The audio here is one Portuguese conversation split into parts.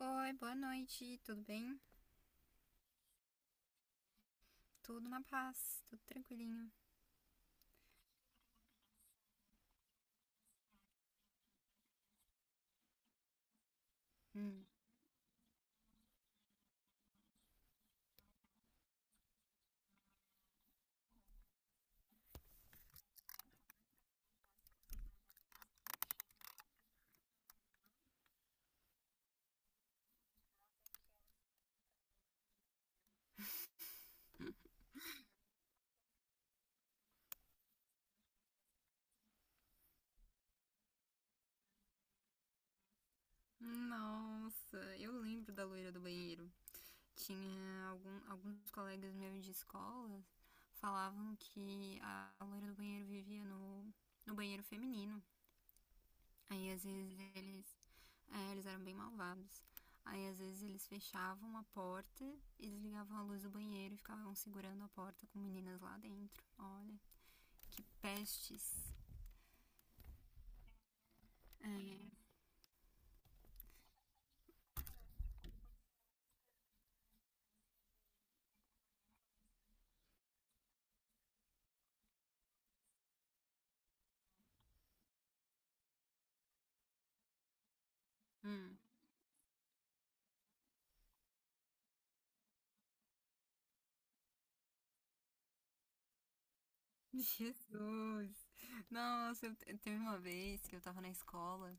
Oi, boa noite, tudo bem? Tudo na paz, tudo tranquilinho. Hum. Nossa, eu lembro da loira do banheiro. Tinha alguns colegas meus de escola falavam que a loira do banheiro vivia no banheiro feminino. Aí às vezes eles eram bem malvados. Aí às vezes eles fechavam a porta e desligavam a luz do banheiro e ficavam segurando a porta com meninas lá dentro. Olha, que pestes. É. Hum. Jesus! Nossa, teve uma vez que eu tava na escola,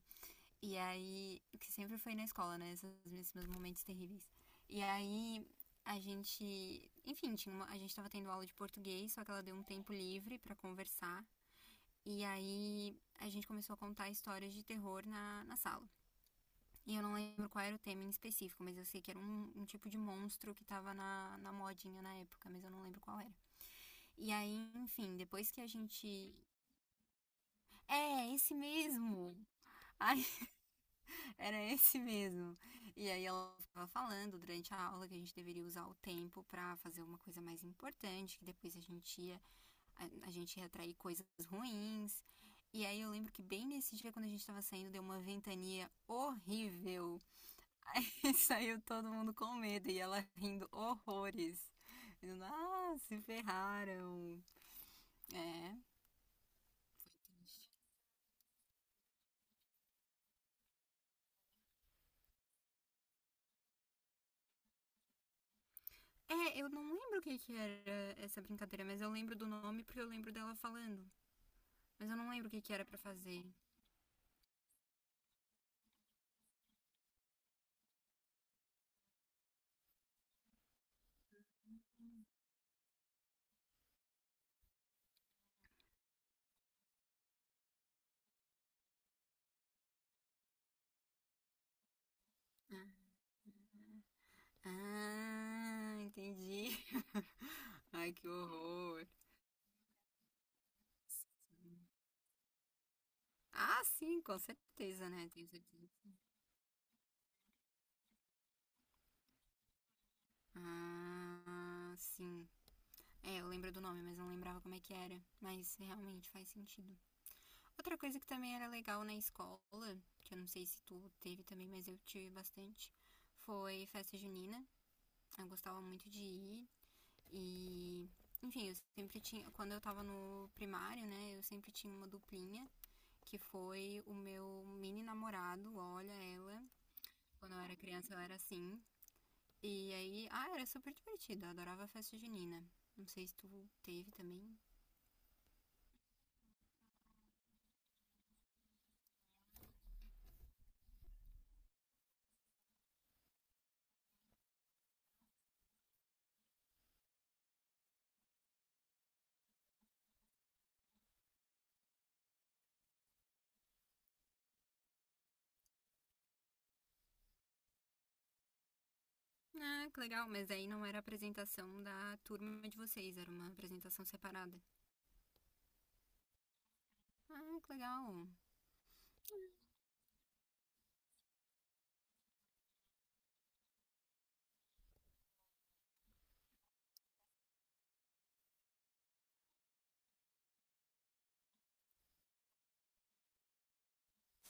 e aí, que sempre foi na escola, né? Esses meus momentos terríveis. E aí, a gente, enfim, a gente tava tendo aula de português, só que ela deu um tempo livre pra conversar. E aí, a gente começou a contar histórias de terror na sala. E eu não lembro qual era o tema em específico, mas eu sei que era um tipo de monstro que tava na modinha na época, mas eu não lembro qual era. E aí, enfim, depois que a gente... É, esse mesmo. Ai, era esse mesmo. E aí ela ficava falando durante a aula que a gente deveria usar o tempo para fazer uma coisa mais importante, que depois a gente ia... a gente ia atrair coisas ruins. E aí eu lembro que bem nesse dia quando a gente tava saindo deu uma ventania horrível. E saiu todo mundo com medo e ela rindo horrores. Dizendo, ah, se ferraram. É. É, eu não lembro o que que era essa brincadeira, mas eu lembro do nome porque eu lembro dela falando. Mas eu não lembro o que que era pra fazer. Ah, ah, entendi. Ai, que horror. Ah, sim, com certeza, né? Tenho certeza. Ah, sim. É, eu lembro do nome, mas não lembrava como é que era. Mas realmente faz sentido. Outra coisa que também era legal na escola, que eu não sei se tu teve também, mas eu tive bastante, foi festa junina. Eu gostava muito de ir. E, enfim, eu sempre tinha. Quando eu tava no primário, né, eu sempre tinha uma duplinha, que foi o meu mini namorado, olha ela. Quando eu era criança eu era assim. E aí, ah, era super divertido, eu adorava a festa junina. Não sei se tu teve também. Ah, que legal, mas aí não era a apresentação da turma de vocês, era uma apresentação separada. Ah, que legal.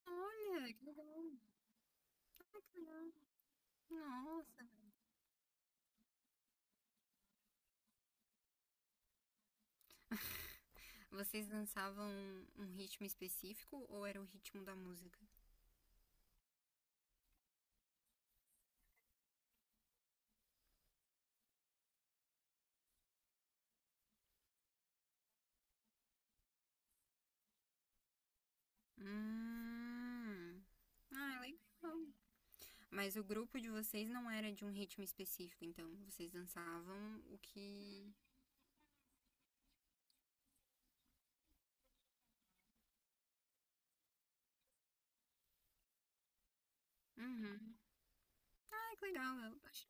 Olha, que legal. Ah, que legal. Nossa. Vocês dançavam um ritmo específico ou era o ritmo da música? Hum. Ah, legal. Mas o grupo de vocês não era de um ritmo específico, então. Vocês dançavam o que. Uhum. Ah, que legal. Eu, acho-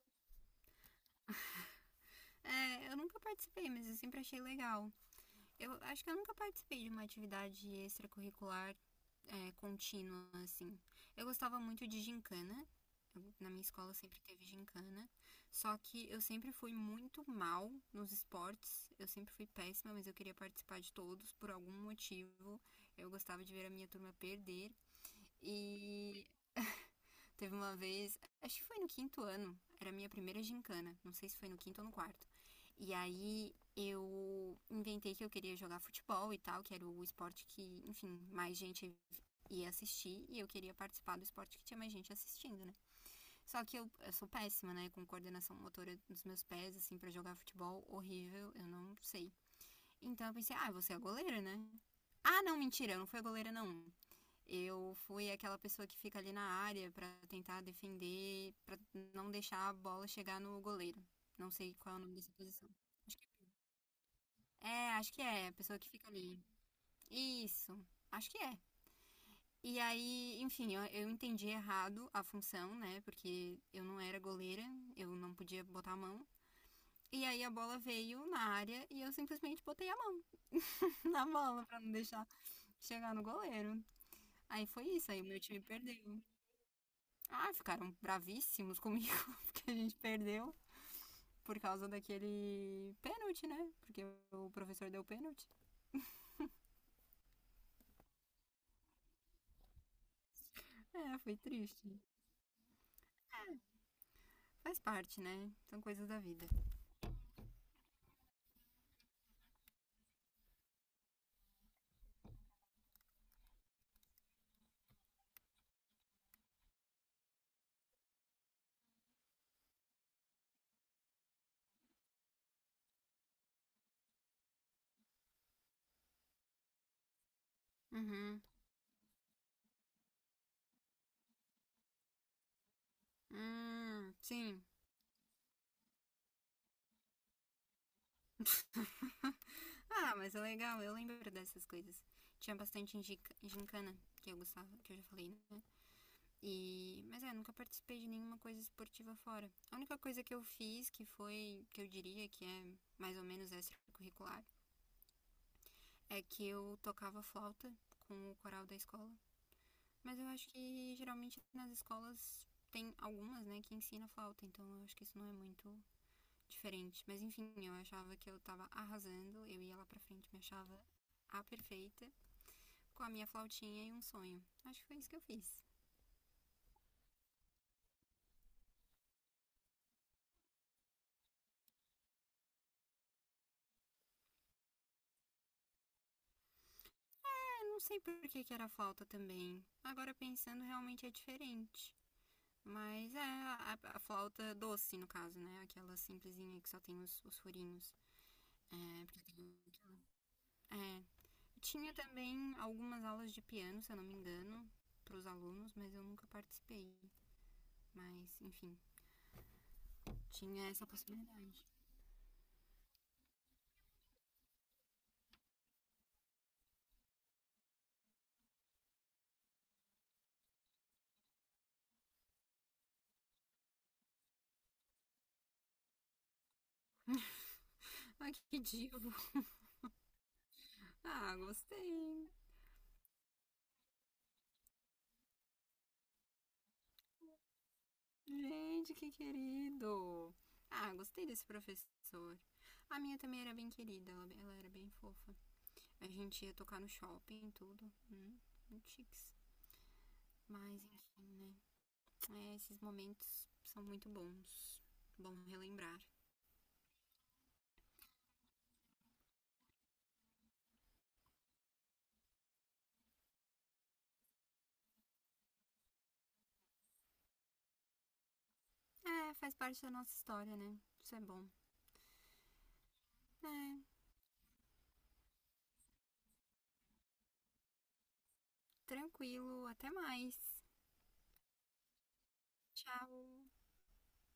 é, Eu nunca participei, mas eu sempre achei legal. Eu acho que eu nunca participei de uma atividade extracurricular contínua, assim. Eu gostava muito de gincana. Na minha escola sempre teve gincana. Só que eu sempre fui muito mal nos esportes. Eu sempre fui péssima, mas eu queria participar de todos por algum motivo. Eu gostava de ver a minha turma perder. E teve uma vez, acho que foi no quinto ano, era a minha primeira gincana, não sei se foi no quinto ou no quarto. E aí eu inventei que eu queria jogar futebol e tal, que era o esporte que, enfim, mais gente ia assistir e eu queria participar do esporte que tinha mais gente assistindo, né? Só que eu sou péssima, né? Com coordenação motora dos meus pés, assim, para jogar futebol, horrível, eu não sei. Então eu pensei, ah, você é a goleira, né? Ah, não, mentira, eu não fui a goleira, não. Eu fui aquela pessoa que fica ali na área para tentar defender, para não deixar a bola chegar no goleiro. Não sei qual é o nome dessa posição. Acho que acho que é a pessoa que fica ali. Isso, acho que é. E aí, enfim, eu entendi errado a função, né? Porque eu não era goleira, eu não podia botar a mão. E aí a bola veio na área e eu simplesmente botei a mão na bola para não deixar chegar no goleiro. Aí foi isso, aí o meu time perdeu. Ah, ficaram bravíssimos comigo, porque a gente perdeu por causa daquele pênalti, né? Porque o professor deu pênalti. É, foi triste. Faz parte, né? São coisas da vida. Uhum. Sim. Ah, mas é legal, eu lembro dessas coisas. Tinha bastante gincana, que eu gostava, que eu já falei, né? E mas é, nunca participei de nenhuma coisa esportiva fora. A única coisa que eu fiz, que foi, que eu diria que é mais ou menos extracurricular, é que eu tocava flauta com o coral da escola. Mas eu acho que geralmente nas escolas tem algumas, né, que ensina flauta, então eu acho que isso não é muito diferente. Mas enfim, eu achava que eu tava arrasando, eu ia lá pra frente, me achava a perfeita, com a minha flautinha e um sonho. Acho que foi isso que eu fiz. É, não sei por que, que era flauta também. Agora pensando, realmente é diferente. Mas é a flauta doce, no caso, né? Aquela simplesinha que só tem os furinhos. É, porque tem. É, tinha também algumas aulas de piano, se eu não me engano, para os alunos, mas eu nunca participei. Mas, enfim, tinha essa possibilidade. Ai, que divo! Ah, gostei! Gente, que querido! Ah, gostei desse professor. A minha também era bem querida, ela era bem fofa. A gente ia tocar no shopping e tudo. Muito chiques. Mas, enfim, né? É, esses momentos são muito bons. Bom relembrar. É, faz parte da nossa história, né? Isso é bom. É, tranquilo, até mais. Tchau.